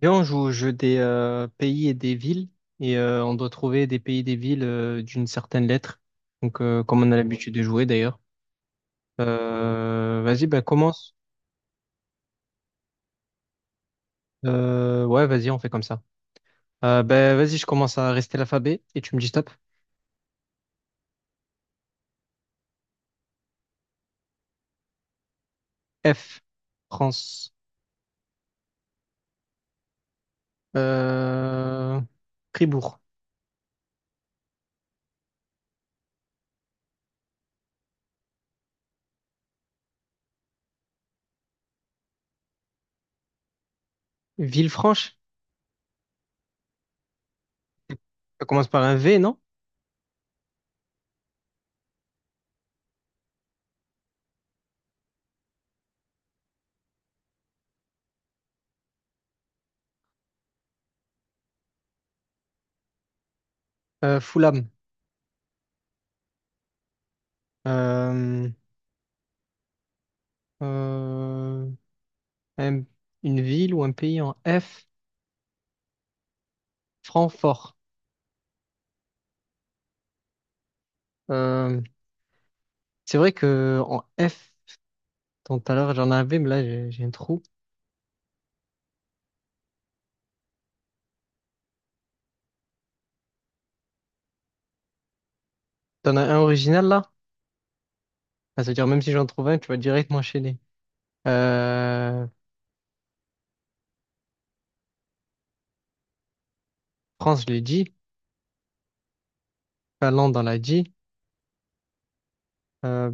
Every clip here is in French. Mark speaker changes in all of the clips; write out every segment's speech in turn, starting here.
Speaker 1: Viens, on joue au jeu des pays et des villes et on doit trouver des pays et des villes d'une certaine lettre. Donc, comme on a l'habitude de jouer d'ailleurs. Vas-y, bah, commence. Ouais, vas-y, on fait comme ça. Bah, vas-y, je commence à rester l'alphabet et tu me dis stop. F, France, euh, Fribourg, Villefranche. Ça commence par un V, non? Fulham. Euh, euh, un- une ville ou un pays en F, Francfort. Euh, c'est vrai que en F, tant tout à l'heure, j'en avais, mais là, j'ai un trou. T'en as un original, là? Ah, c'est-à-dire, même si j'en trouve un, tu vas direct m'enchaîner. Euh, France, je l'ai dit. Finlande, on l'a dit. Euh,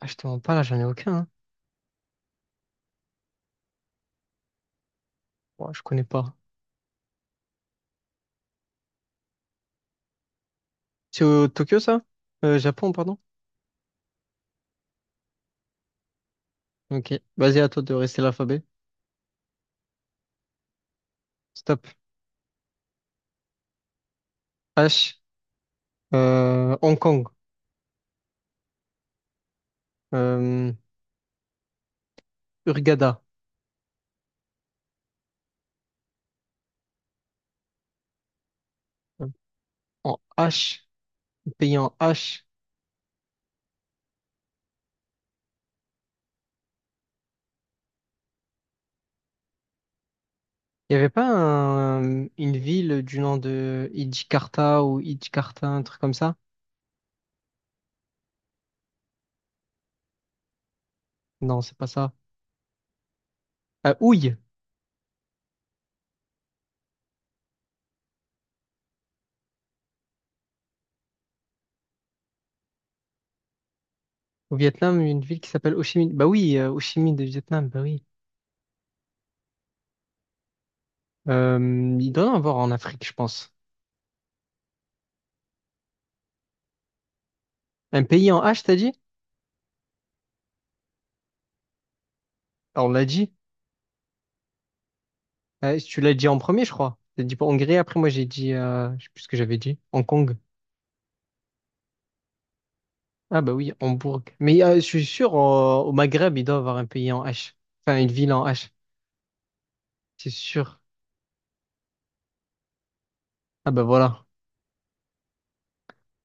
Speaker 1: je te mens pas, là, j'en ai aucun, hein. Ouais, je connais pas. C'est au Tokyo, ça? Japon, pardon? Ok. Vas-y, à toi de rester l'alphabet. Stop. H. Hong Kong. Euh, Hurghada. En H. Pays en H. Il n'y avait pas un- Une ville du nom de Idjikarta ou Idjikarta, un truc comme ça? Non, c'est pas ça. Houille, au Vietnam, une ville qui s'appelle Ho Chi Minh. Bah oui, Ho Chi Minh de Vietnam, bah oui. Euh, il doit y en avoir en Afrique, je pense. Un pays en H, t'as dit? Ah, on l'a dit. Tu l'as dit en premier, je crois. T'as dit pour Hongrie, après moi j'ai dit, je sais plus ce que j'avais dit, Hong Kong. Ah bah oui, Hambourg. Mais je suis sûr, au Maghreb, il doit y avoir un pays en H. Enfin, une ville en H, c'est sûr. Ah bah voilà.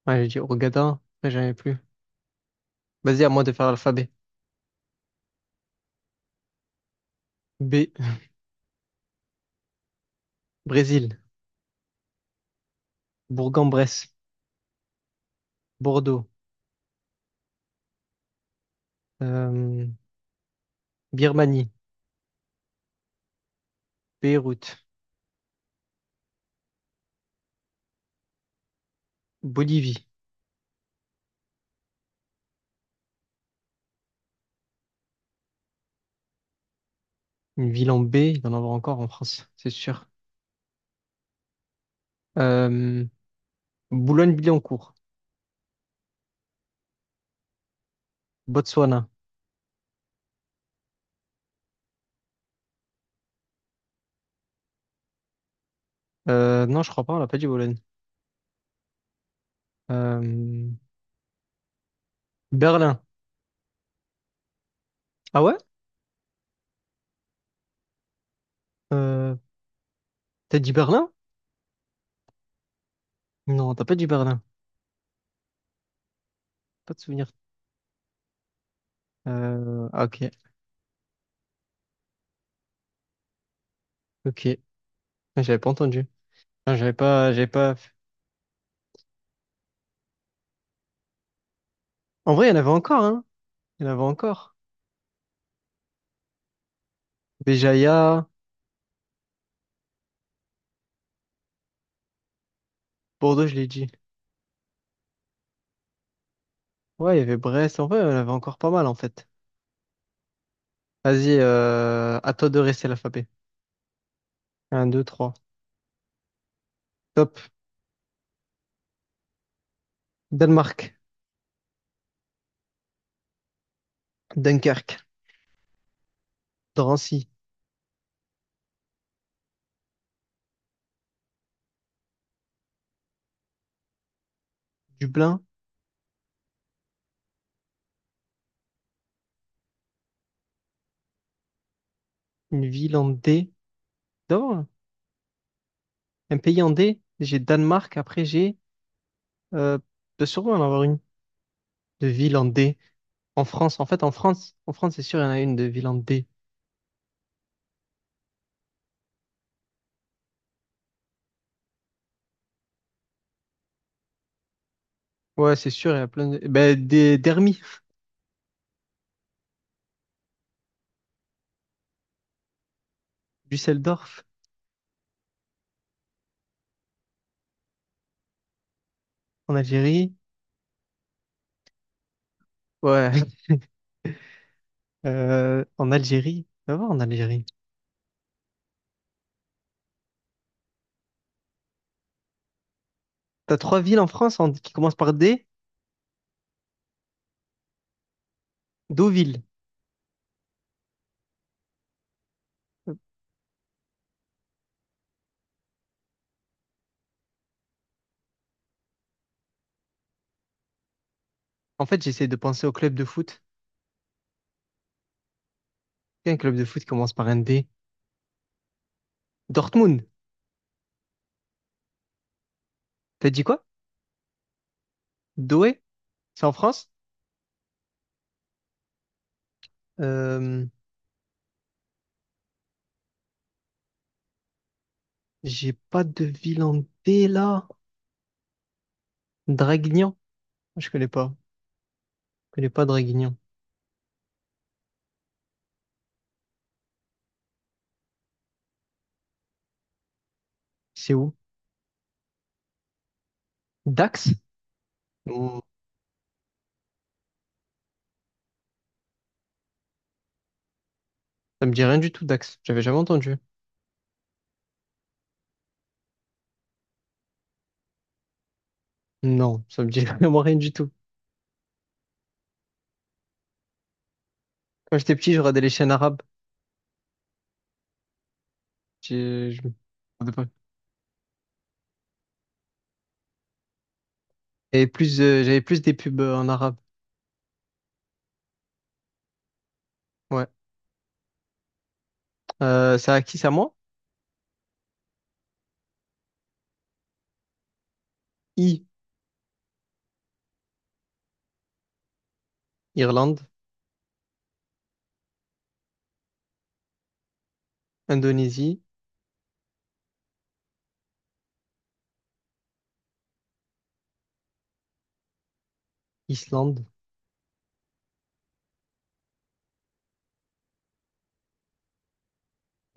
Speaker 1: Ouais, j'ai dit Hurghada, après j'avais plus. Vas-y, à moi de faire l'alphabet. B, Brésil, Bourg-en-Bresse, Bordeaux, euh, Birmanie, Beyrouth, Bolivie, une ville en B, il y en avoir encore en France, c'est sûr. Euh, Boulogne-Billancourt, Botswana. Non, je crois pas, on l'a pas dit Bologne. Euh, Berlin. Ah ouais? Euh, t'as dit Berlin? Non, t'as pas dit Berlin. Pas de souvenir. Ok, ok. J'avais pas entendu. Ah, j'avais pas, j'avais pas. En vrai, il y en avait encore, hein. Il y en avait encore. Béjaïa, Bordeaux, je l'ai dit. Ouais, il y avait Brest. En vrai, il y en avait encore pas mal, en fait. Vas-y, à toi de rester l'alphabet. Un, deux, trois. Top. Danemark, Dunkerque, Drancy, Dublin, une ville en D. D'abord, un pays en D. J'ai Danemark, après j'ai... Euh, de sûrement en avoir une. De ville en D. En France, en fait, en France, c'est sûr, il y en a une de ville en D. Ouais, c'est sûr, il y a plein de... Ben, des... Dermi, Düsseldorf, en Algérie. Ouais. En Algérie, va voir en Algérie. T'as trois villes en France en- qui commencent par D, Deauville. En fait, j'essaie de penser au club de foot. Il y a un club de foot qui commence par un D. Dortmund. T'as dit quoi? Douai? C'est en France? Euh, j'ai pas de ville en D là. Draguignan? Je connais pas. Je connais pas Draguignan. C'est où? Dax? Non, ça me dit rien du tout, Dax. J'avais jamais entendu. Non, ça me dit vraiment rien du tout. Quand j'étais petit, je regardais les chaînes arabes. J'ai- Je et plus, j'avais plus des pubs en arabe. Ouais. C'est à qui, c'est à moi? I. Irlande, Indonésie, Islande.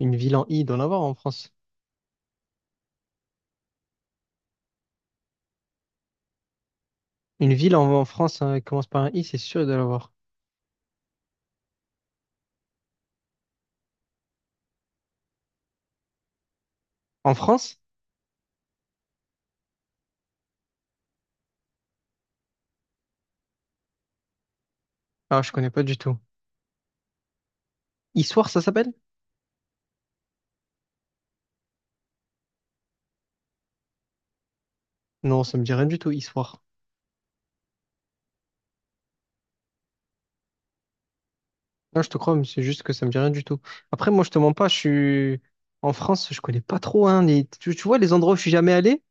Speaker 1: Une ville en I, il doit en avoir en France. Une ville en, en France hein, qui commence par un I, c'est sûr, il doit avoir. En France? Ah, je connais pas du tout. Issoire, ça s'appelle? Non, ça me dit rien du tout, Issoire. Non, je te crois, mais c'est juste que ça me dit rien du tout. Après, moi, je te mens pas, je suis... En France, je connais pas trop, hein, les- Tu vois, les endroits où je suis jamais allé,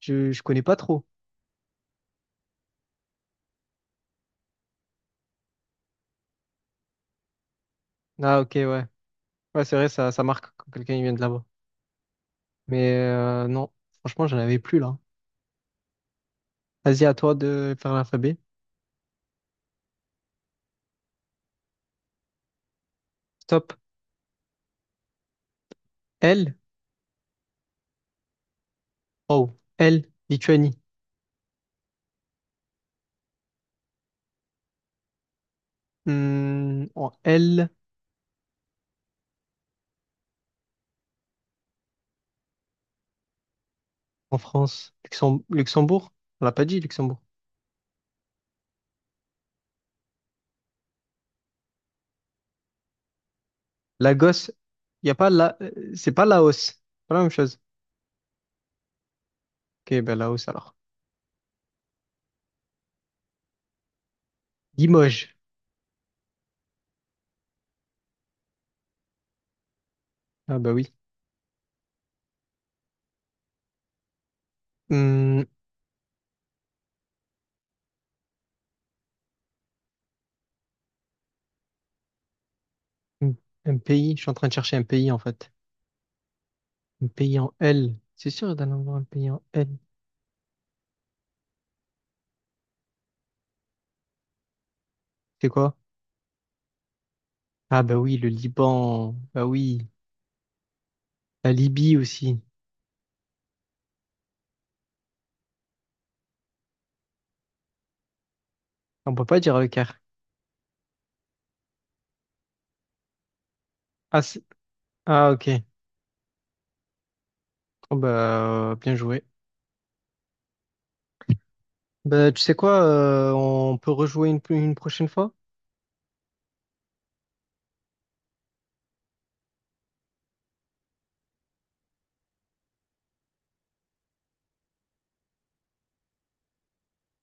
Speaker 1: je connais pas trop. Ah, ok, ouais. Ouais, c'est vrai, ça marque quand quelqu'un il vient de là-bas. Mais non, franchement, j'en avais plus là. Vas-y, à toi de faire l'alphabet. Stop. L. Oh. L. Lituanie. Hmm, en L. En France. Luxem- Luxembourg. On l'a pas dit, Luxembourg. Lagos. Il y a pas la... C'est pas Laos. Pas la même chose. Ok, ben Laos alors. Limoges. Ah bah oui. Hmm, un un pays. Je suis en train de chercher un pays en fait. Un pays en L. C'est sûr d'en avoir un pays en L. C'est quoi? Ah bah oui, le Liban. Bah oui. La Libye aussi. On peut pas dire Leclerc. Ah, c'est- ah ok. Oh, bah, bien joué. Bah, tu sais quoi, on peut rejouer une prochaine fois?